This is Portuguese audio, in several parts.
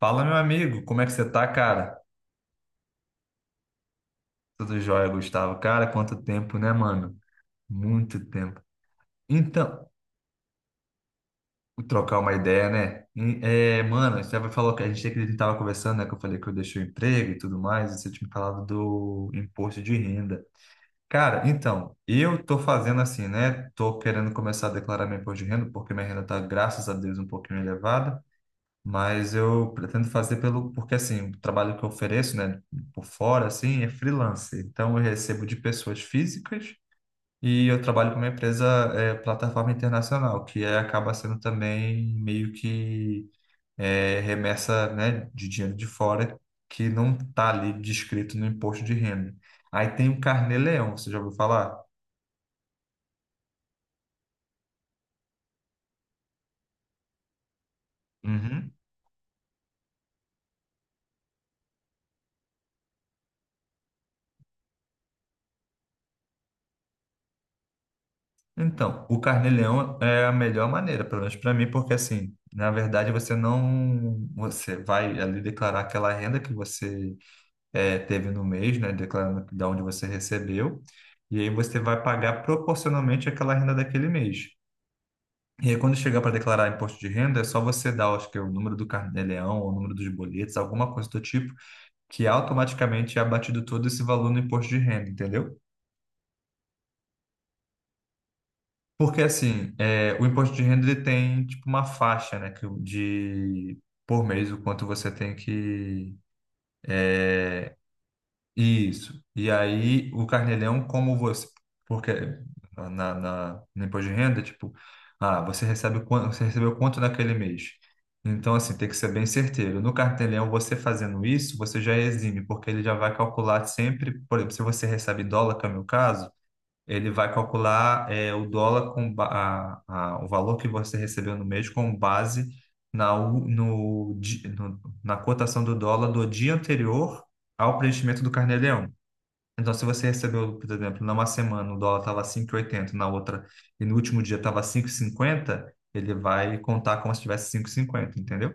Fala, meu amigo, como é que você tá, cara? Tudo jóia, Gustavo? Cara, quanto tempo, né, mano? Muito tempo. Então, trocar uma ideia, né? Mano, você falou que a gente tava conversando, né? Que eu falei que eu deixei o emprego e tudo mais, e você tinha me falado do imposto de renda. Cara, então, eu tô fazendo assim, né? Tô querendo começar a declarar meu imposto de renda, porque minha renda tá, graças a Deus, um pouquinho elevada. Mas eu pretendo fazer porque assim, o trabalho que eu ofereço, né, por fora, assim, é freelance. Então eu recebo de pessoas físicas e eu trabalho com uma empresa, plataforma internacional, que acaba sendo também meio que remessa, né, de dinheiro de fora que não está ali descrito no imposto de renda. Aí tem o Carnê Leão, você já ouviu falar? Uhum. Então, o carnê-leão é a melhor maneira, pelo menos para mim, porque assim, na verdade você não, você vai ali declarar aquela renda que você teve no mês, né, declarando de onde você recebeu, e aí você vai pagar proporcionalmente aquela renda daquele mês. E aí quando chegar para declarar imposto de renda, é só você dar, acho que é o número do carnê-leão, ou o número dos boletos, alguma coisa do tipo, que automaticamente é abatido todo esse valor no imposto de renda, entendeu? Porque assim, o imposto de renda ele tem tipo uma faixa, né, que, de por mês o quanto você tem que isso. E aí o Carnelão, como você, porque no imposto de renda, tipo, ah, você recebe quanto, você recebeu quanto naquele mês. Então assim, tem que ser bem certeiro. No Carnelão, você fazendo isso, você já exime, porque ele já vai calcular sempre, por exemplo, se você recebe dólar, que é o meu caso, ele vai calcular o dólar com ba- a- o valor que você recebeu no mês com base na, u- no, di- no- na cotação do dólar do dia anterior ao preenchimento do carnê-leão. Então, se você recebeu, por exemplo, numa semana o dólar estava 5,80, na outra e no último dia estava 5,50, ele vai contar como se tivesse 5,50, entendeu?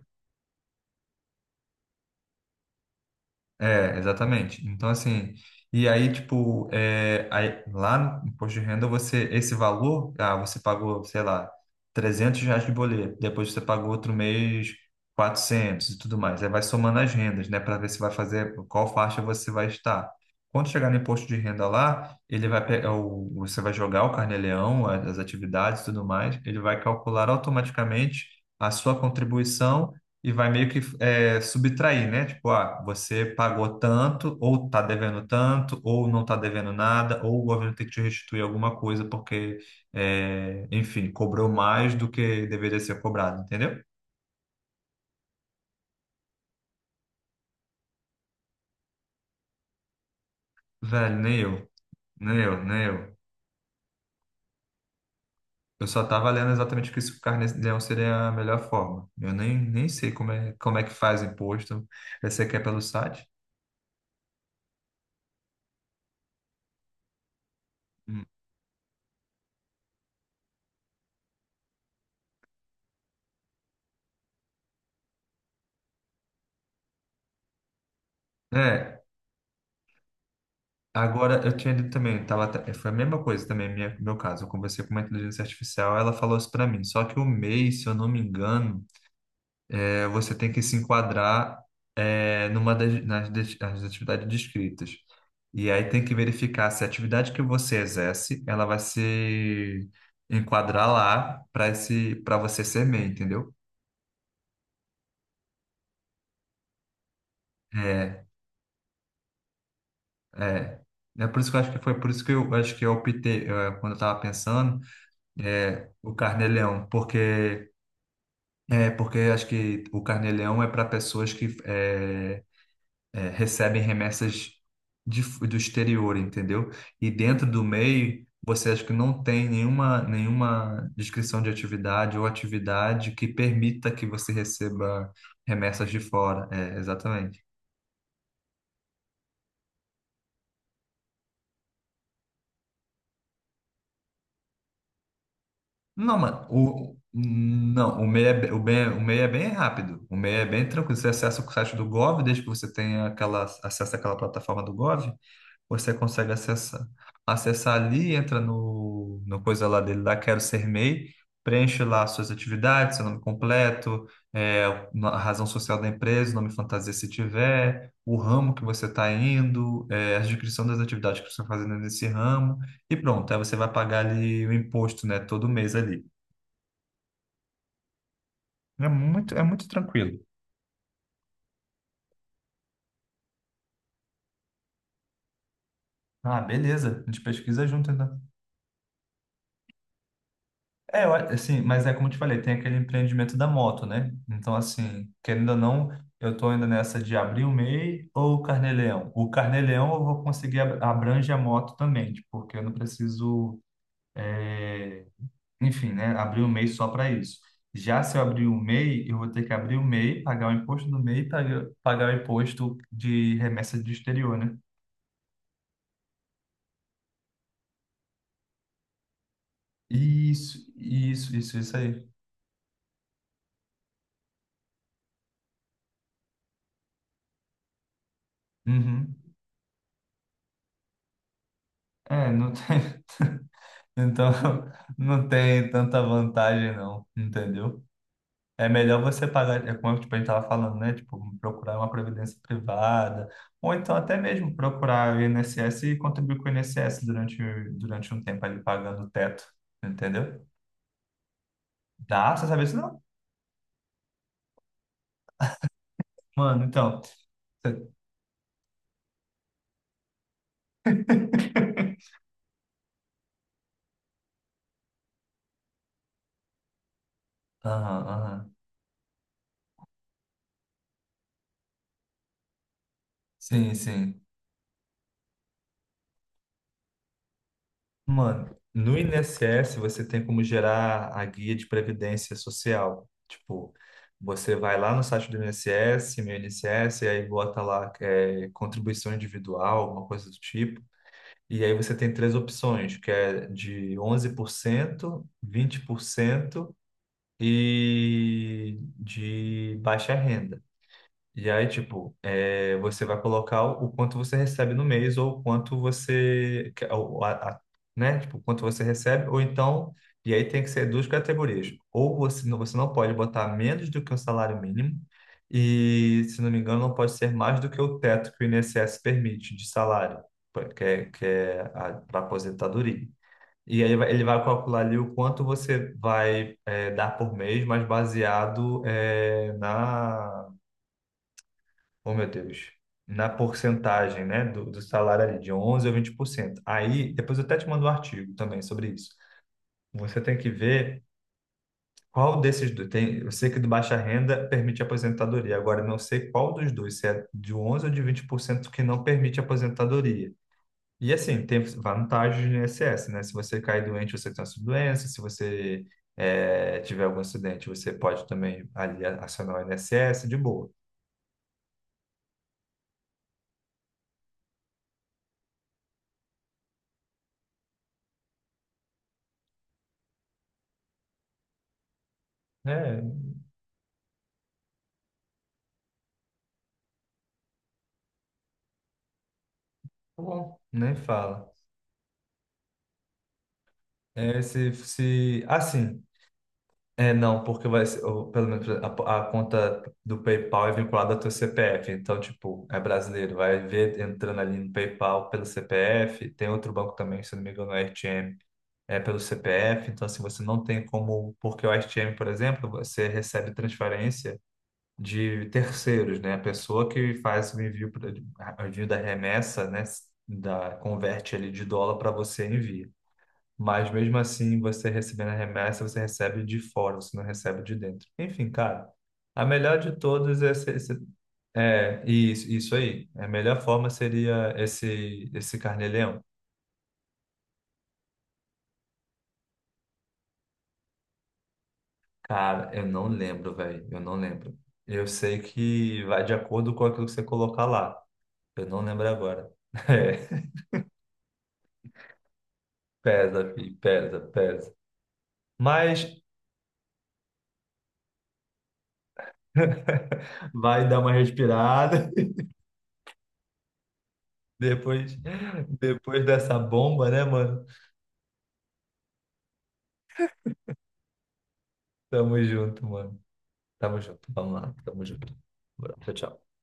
É, exatamente. Então, assim, e aí, tipo, é, aí, lá no imposto de renda, você, esse valor, você pagou, sei lá, R$ 300 de boleto, depois você pagou outro mês 400 e tudo mais. Aí vai somando as rendas, né, para ver se vai fazer, qual faixa você vai estar. Quando chegar no imposto de renda lá, ele vai pegar o, você vai jogar o carnê-leão, as atividades e tudo mais, ele vai calcular automaticamente a sua contribuição e vai meio que subtrair, né? Tipo, ah, você pagou tanto, ou tá devendo tanto, ou não tá devendo nada, ou o governo tem que te restituir alguma coisa porque, enfim, cobrou mais do que deveria ser cobrado, entendeu? Velho, nem eu, nem eu, nem eu. Eu só tava lendo exatamente que isso carnê-leão seria a melhor forma. Eu nem sei como é que faz imposto. Eu sei que é pelo site. Hum. É, agora, eu tinha lido também, eu tava, foi a mesma coisa também, minha, meu caso. Eu conversei com uma inteligência artificial, ela falou isso para mim. Só que o MEI, se eu não me engano, você tem que se enquadrar numa das, nas, des- nas atividades descritas. E aí tem que verificar se a atividade que você exerce, ela vai se enquadrar lá para esse, para você ser MEI, entendeu? É, é. É por isso que eu acho que foi por isso que eu acho que eu optei, quando eu estava pensando, o carnê-leão, porque acho que o Carneleão é para pessoas que recebem remessas do exterior, entendeu? E dentro do MEI, você acha que não tem nenhuma, nenhuma descrição de atividade ou atividade que permita que você receba remessas de fora. É, exatamente. Não, mano, não, o MEI é bem rápido. O MEI é bem tranquilo. Você acessa o site do Gov, desde que você tenha aquela, acesso àquela plataforma do Gov, você consegue acessar. Acessar ali, entra no, no coisa lá dele, lá Quero Ser MEI, preenche lá suas atividades, seu nome completo, é, a razão social da empresa, o nome fantasia se tiver, o ramo que você está indo, a descrição das atividades que você está fazendo nesse ramo, e pronto, aí você vai pagar ali o imposto, né, todo mês ali. É muito tranquilo. Ah, beleza, a gente pesquisa junto, então. É, eu assim, mas é como eu te falei, tem aquele empreendimento da moto, né? Então, assim, querendo ou não, eu tô ainda nessa de abrir o MEI ou o Carnê-Leão. O Carnê-Leão eu vou conseguir abrange a moto também, tipo, porque eu não preciso, é, enfim, né, abrir o MEI só para isso. Já se eu abrir o MEI, eu vou ter que abrir o MEI, pagar o imposto do MEI, pagar, pagar o imposto de remessa do exterior, né? Isso aí. Uhum. É, não tem. Então, não tem tanta vantagem, não, entendeu? É melhor você pagar, é como tipo, a gente estava falando, né? Tipo, procurar uma previdência privada, ou então até mesmo procurar o INSS e contribuir com o INSS durante, durante um tempo ali pagando o teto, entendeu? Dá, você sabe isso não? Mano, então. você- Aham, aham. Sim, sim. Mano, no INSS você tem como gerar a guia de previdência social. Tipo, você vai lá no site do INSS, meu INSS, e aí bota lá contribuição individual, uma coisa do tipo. E aí você tem três opções, que é de 11%, 20% e de baixa renda. E aí, tipo, você vai colocar o quanto você recebe no mês ou o quanto você, né? Tipo, o quanto você recebe, ou então, e aí tem que ser duas categorias. Ou você, você não pode botar menos do que o salário mínimo e, se não me engano, não pode ser mais do que o teto que o INSS permite de salário, que é para aposentadoria. E aí ele vai calcular ali o quanto você vai dar por mês, mas baseado na. Oh, meu Deus. Na porcentagem, né, do, do salário ali, de 11 a 20%. Aí, depois eu até te mando um artigo também sobre isso. Você tem que ver qual desses dois. Tem, eu sei que do baixa renda permite aposentadoria. Agora, eu não sei qual dos dois, se é de 11 ou de 20% que não permite aposentadoria. E assim, tem vantagens no INSS, né? Se você cair doente, você tem essa doença. Se você tiver algum acidente, você pode também ali acionar o INSS de boa. É, tá bom, nem fala. É, se, assim, não, porque vai ser, ou, pelo menos a, conta do PayPal é vinculada ao teu CPF, então, tipo, é brasileiro, vai ver entrando ali no PayPal pelo CPF, tem outro banco também, se não me engano, é RTM, é pelo CPF, então, assim, você não tem como, porque o RTM, por exemplo, você recebe transferência de terceiros, né, a pessoa que faz o envio, o envio da remessa, né, da, converte ali de dólar para você e envia. Mas mesmo assim, você recebendo a remessa, você recebe de fora, você não recebe de dentro. Enfim, cara, a melhor de todas é isso, isso aí. A melhor forma seria esse esse carnê-leão. Cara, eu não lembro, velho. Eu não lembro. Eu sei que vai de acordo com aquilo que você colocar lá. Eu não lembro agora. É, pesa, filho, pesa, pesa. Mas vai dar uma respirada. Depois, depois dessa bomba, né, mano? Tamo junto, mano. Tamo junto. Vamos lá. Tamo junto. Abraço, tchau.